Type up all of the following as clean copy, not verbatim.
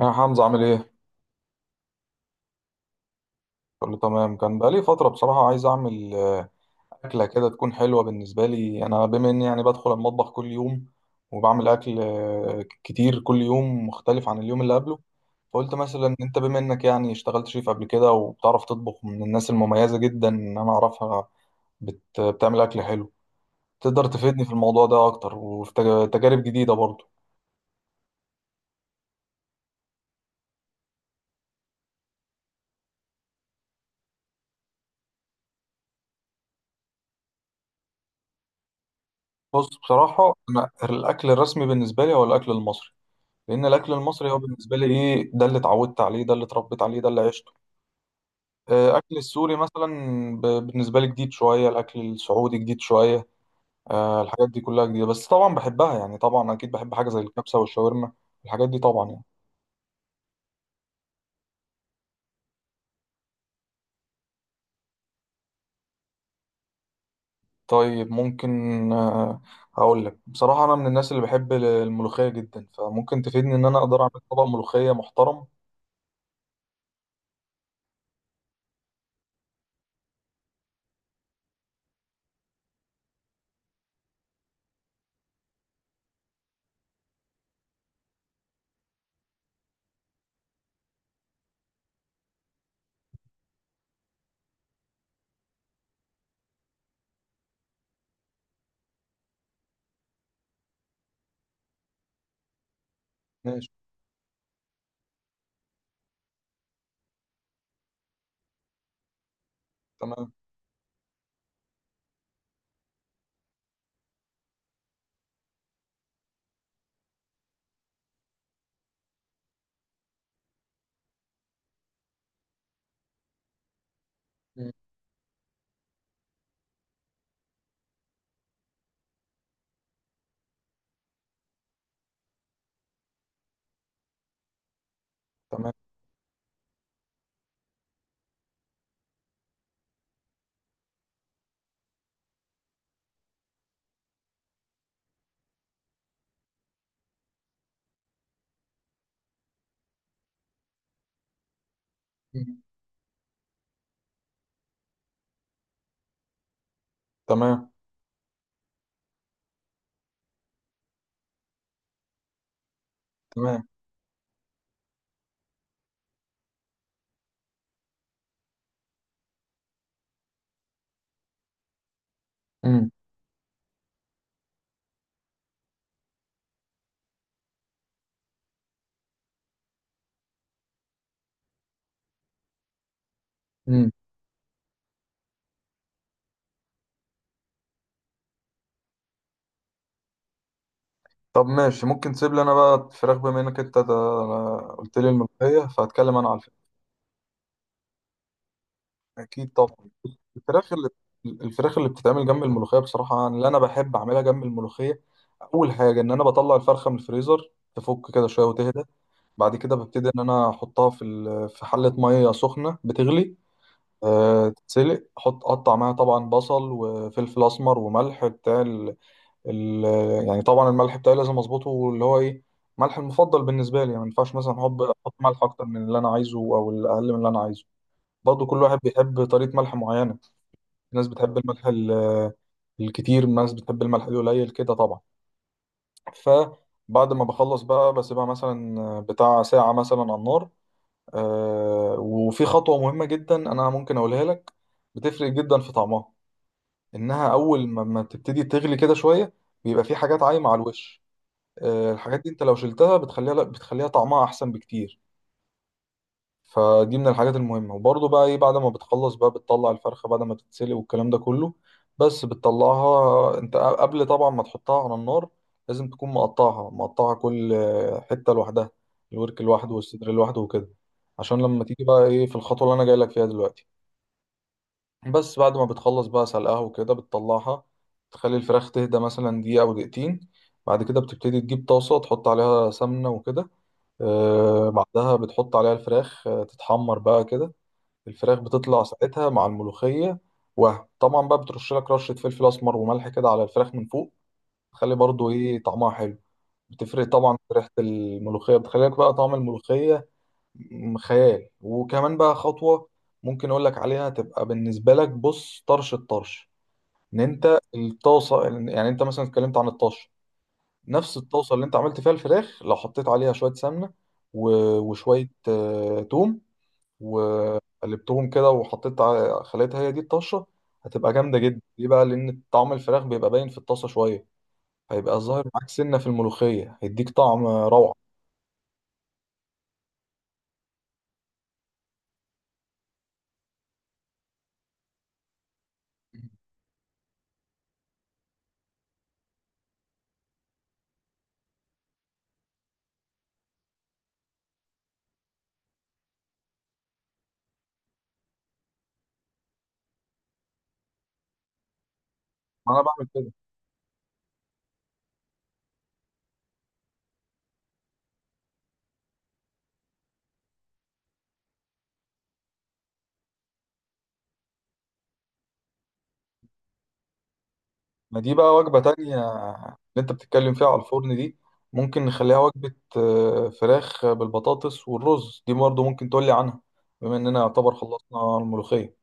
يا حمزة عامل ايه؟ كله تمام. كان بقالي فترة بصراحة عايز اعمل أكلة كده تكون حلوة بالنسبة لي، أنا بما إني يعني بدخل المطبخ كل يوم وبعمل أكل كتير، كل يوم مختلف عن اليوم اللي قبله. فقلت مثلا أنت بما إنك يعني اشتغلت شيف قبل كده وبتعرف تطبخ، من الناس المميزة جدا إن أنا أعرفها. بتعمل أكل حلو، تقدر تفيدني في الموضوع ده أكتر وفي تجارب جديدة برضه. بص بصراحة أنا الأكل الرسمي بالنسبة لي هو الأكل المصري، لان الاكل المصري هو بالنسبه لي ايه، ده اللي اتعودت عليه، ده اللي اتربيت عليه، ده اللي عشته. اكل السوري مثلا بالنسبه لي جديد شويه، الاكل السعودي جديد شويه. الحاجات دي كلها جديده بس طبعا بحبها، يعني طبعا اكيد بحب حاجه زي الكبسه والشاورما، الحاجات دي طبعا يعني. طيب ممكن هقول لك بصراحه، انا من الناس اللي بحب الملوخيه جدا، فممكن تفيدني ان انا اقدر اعمل طبق ملوخيه محترم. ماشي. تمام. مم. تمام. مم. تمام. تمام. مم. مم. طب ماشي، ممكن تسيب لي انا بقى الفراخ بما انك انت قلت لي الملوخيه، فهتكلم انا على الفراخ. اكيد طبعا. الفراخ اللي الفراخ اللي بتتعمل جنب الملوخيه، بصراحه أنا اللي انا بحب اعملها جنب الملوخيه. اول حاجه ان انا بطلع الفرخه من الفريزر، تفك كده شويه وتهدى. بعد كده ببتدي ان انا احطها في في حله ميه سخنه بتغلي. أه تتسلق، احط اقطع معاها طبعا بصل وفلفل اسمر وملح بتاع ال- يعني طبعا الملح بتاعي لازم اظبطه اللي هو ايه، ملح المفضل بالنسبه لي يعني، ما ينفعش مثلا احب احط ملح اكتر من اللي انا عايزه او الاقل من اللي انا عايزه. برضه كل واحد بيحب طريقه ملح معينه، في ناس بتحب الملح الكتير، ناس بتحب الملح القليل كده طبعا. فبعد ما بخلص بقى بسيبها مثلا بتاع ساعه مثلا على النار. وفي خطوه مهمه جدا انا ممكن اقولها لك، بتفرق جدا في طعمها، انها اول ما تبتدي تغلي كده شويه بيبقى في حاجات عايمه على الوش. الحاجات دي انت لو شلتها بتخليها، لا بتخليها طعمها احسن بكتير. فدي من الحاجات المهمه. وبرضه بقى ايه، بعد ما بتخلص بقى بتطلع الفرخه بعد ما تتسلق والكلام ده كله، بس بتطلعها انت قبل طبعا ما تحطها على النار لازم تكون مقطعها مقطعها كل حته لوحدها، الورك لوحده والصدر لوحده وكده، عشان لما تيجي بقى ايه في الخطوه اللي انا جاي لك فيها دلوقتي. بس بعد ما بتخلص بقى سلقها وكده بتطلعها، تخلي الفراخ تهدى مثلا دقيقه او دقيقتين. بعد كده بتبتدي تجيب طاسه، تحط عليها سمنه وكده. بعدها بتحط عليها الفراخ تتحمر بقى كده، الفراخ بتطلع ساعتها مع الملوخية. وهم طبعا بقى بترش لك رشة فلفل أسمر وملح كده على الفراخ من فوق، تخلي برضو إيه طعمها حلو، بتفرق طبعا في ريحة الملوخية، بتخلي لك بقى طعم الملوخية خيال. وكمان بقى خطوة ممكن أقول لك عليها، تبقى بالنسبة لك بص طرش الطرش، إن أنت الطاسة، يعني أنت مثلا اتكلمت عن الطش، نفس الطاسه اللي انت عملت فيها الفراخ لو حطيت عليها شويه سمنه وشويه توم وقلبتهم كده وحطيت خليتها هي دي الطشه، هتبقى جامده جدا. ليه بقى؟ لان طعم الفراخ بيبقى باين في الطاسه شويه، هيبقى ظاهر معاك سنه في الملوخيه هيديك طعم روعه. انا بعمل كده. ما دي بقى وجبه تانية اللي انت بتتكلم فيها على الفرن دي، ممكن نخليها وجبه فراخ بالبطاطس والرز دي برضه ممكن تقولي عنها، بما اننا يعتبر خلصنا الملوخيه.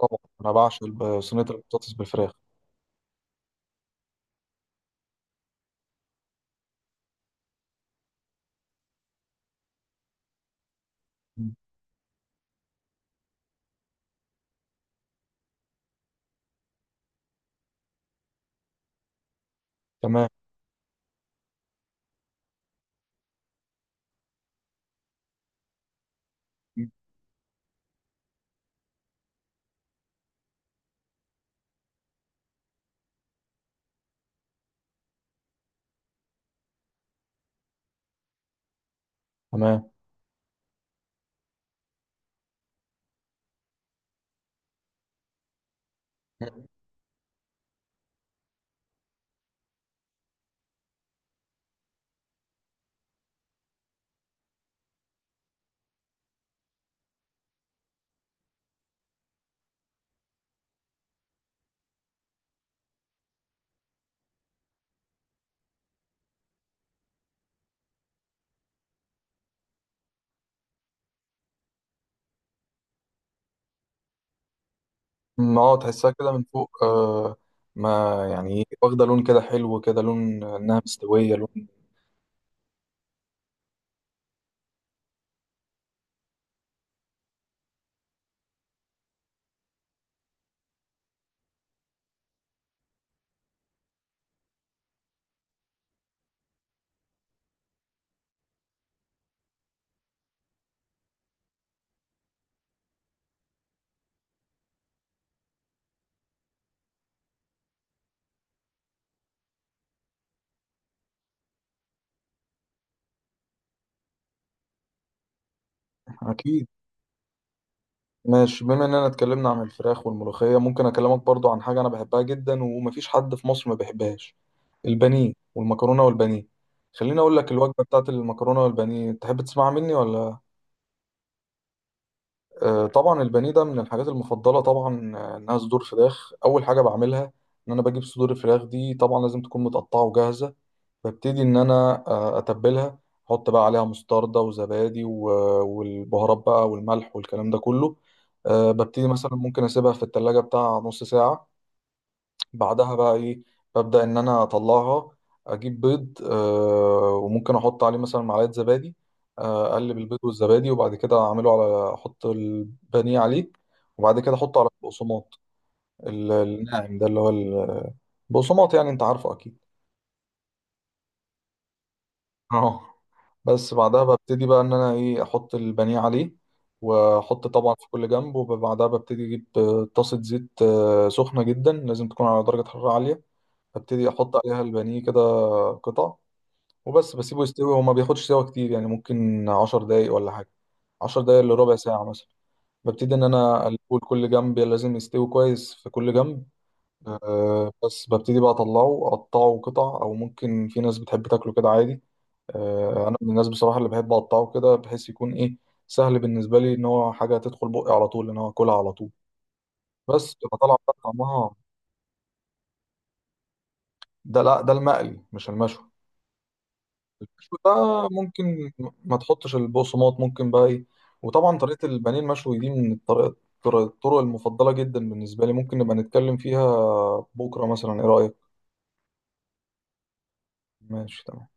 طبعا انا بعشق صينيه البطاطس بالفراخ. مم. تمام. مم. تمام. مم. اه تحسها كده من فوق آه، ما يعني إيه، واخده لون كده حلو كده، لون انها مستويه لون. اكيد. ماشي، بما اننا اتكلمنا عن الفراخ والملوخيه ممكن اكلمك برضو عن حاجه انا بحبها جدا ومفيش حد في مصر ما بيحبهاش، البانيه والمكرونه والبانيه. خليني اقول لك الوجبه بتاعت المكرونه والبانيه، تحب تسمع مني ولا؟ طبعا البانيه ده من الحاجات المفضله طبعا، انها صدور فراخ. اول حاجه بعملها ان انا بجيب صدور الفراخ دي، طبعا لازم تكون متقطعه وجاهزه. ببتدي ان انا اتبلها، احط بقى عليها مستردة وزبادي والبهارات بقى والملح والكلام ده كله. ببتدي مثلا ممكن اسيبها في التلاجة بتاع نص ساعه. بعدها بقى ايه؟ ببدأ ان انا اطلعها، اجيب بيض آه وممكن احط عليه مثلا معلقة زبادي، اقلب البيض والزبادي وبعد كده اعمله على، احط البانيه عليه، وبعد كده احطه على البقسماط الناعم ده، اللي هو البقسماط، يعني انت عارفه اكيد. اه بس بعدها ببتدي بقى ان انا ايه احط البانيه عليه، واحط طبعا في كل جنب. وبعدها ببتدي اجيب طاسة زيت سخنة جدا، لازم تكون على درجة حرارة عالية. ببتدي احط عليها البانيه كده قطع، وبس بسيبه يستوي، وما بياخدش سوا كتير، يعني ممكن 10 دقايق ولا حاجة، 10 دقايق لربع ساعة مثلا. ببتدي إن أنا أقلبه لكل جنب، لازم يستوي كويس في كل جنب. أه بس ببتدي بقى أطلعه أقطعه قطع، أو ممكن في ناس بتحب تاكله كده عادي. أه أنا من الناس بصراحة اللي بحب أقطعه كده، بحيث يكون إيه سهل بالنسبة لي، إن هو حاجة تدخل بقي على طول، إن هو أكلها على طول. بس بتبقى طالعة بقى طعمها. ده لا ده المقلي مش المشوي. المشوي ده ممكن ما تحطش البقسماط، ممكن بقى ايه. وطبعا طريقة البانيه المشوي دي من الطرق المفضلة جدا بالنسبة لي، ممكن نبقى نتكلم فيها بكرة مثلا، ايه رأيك؟ ماشي تمام.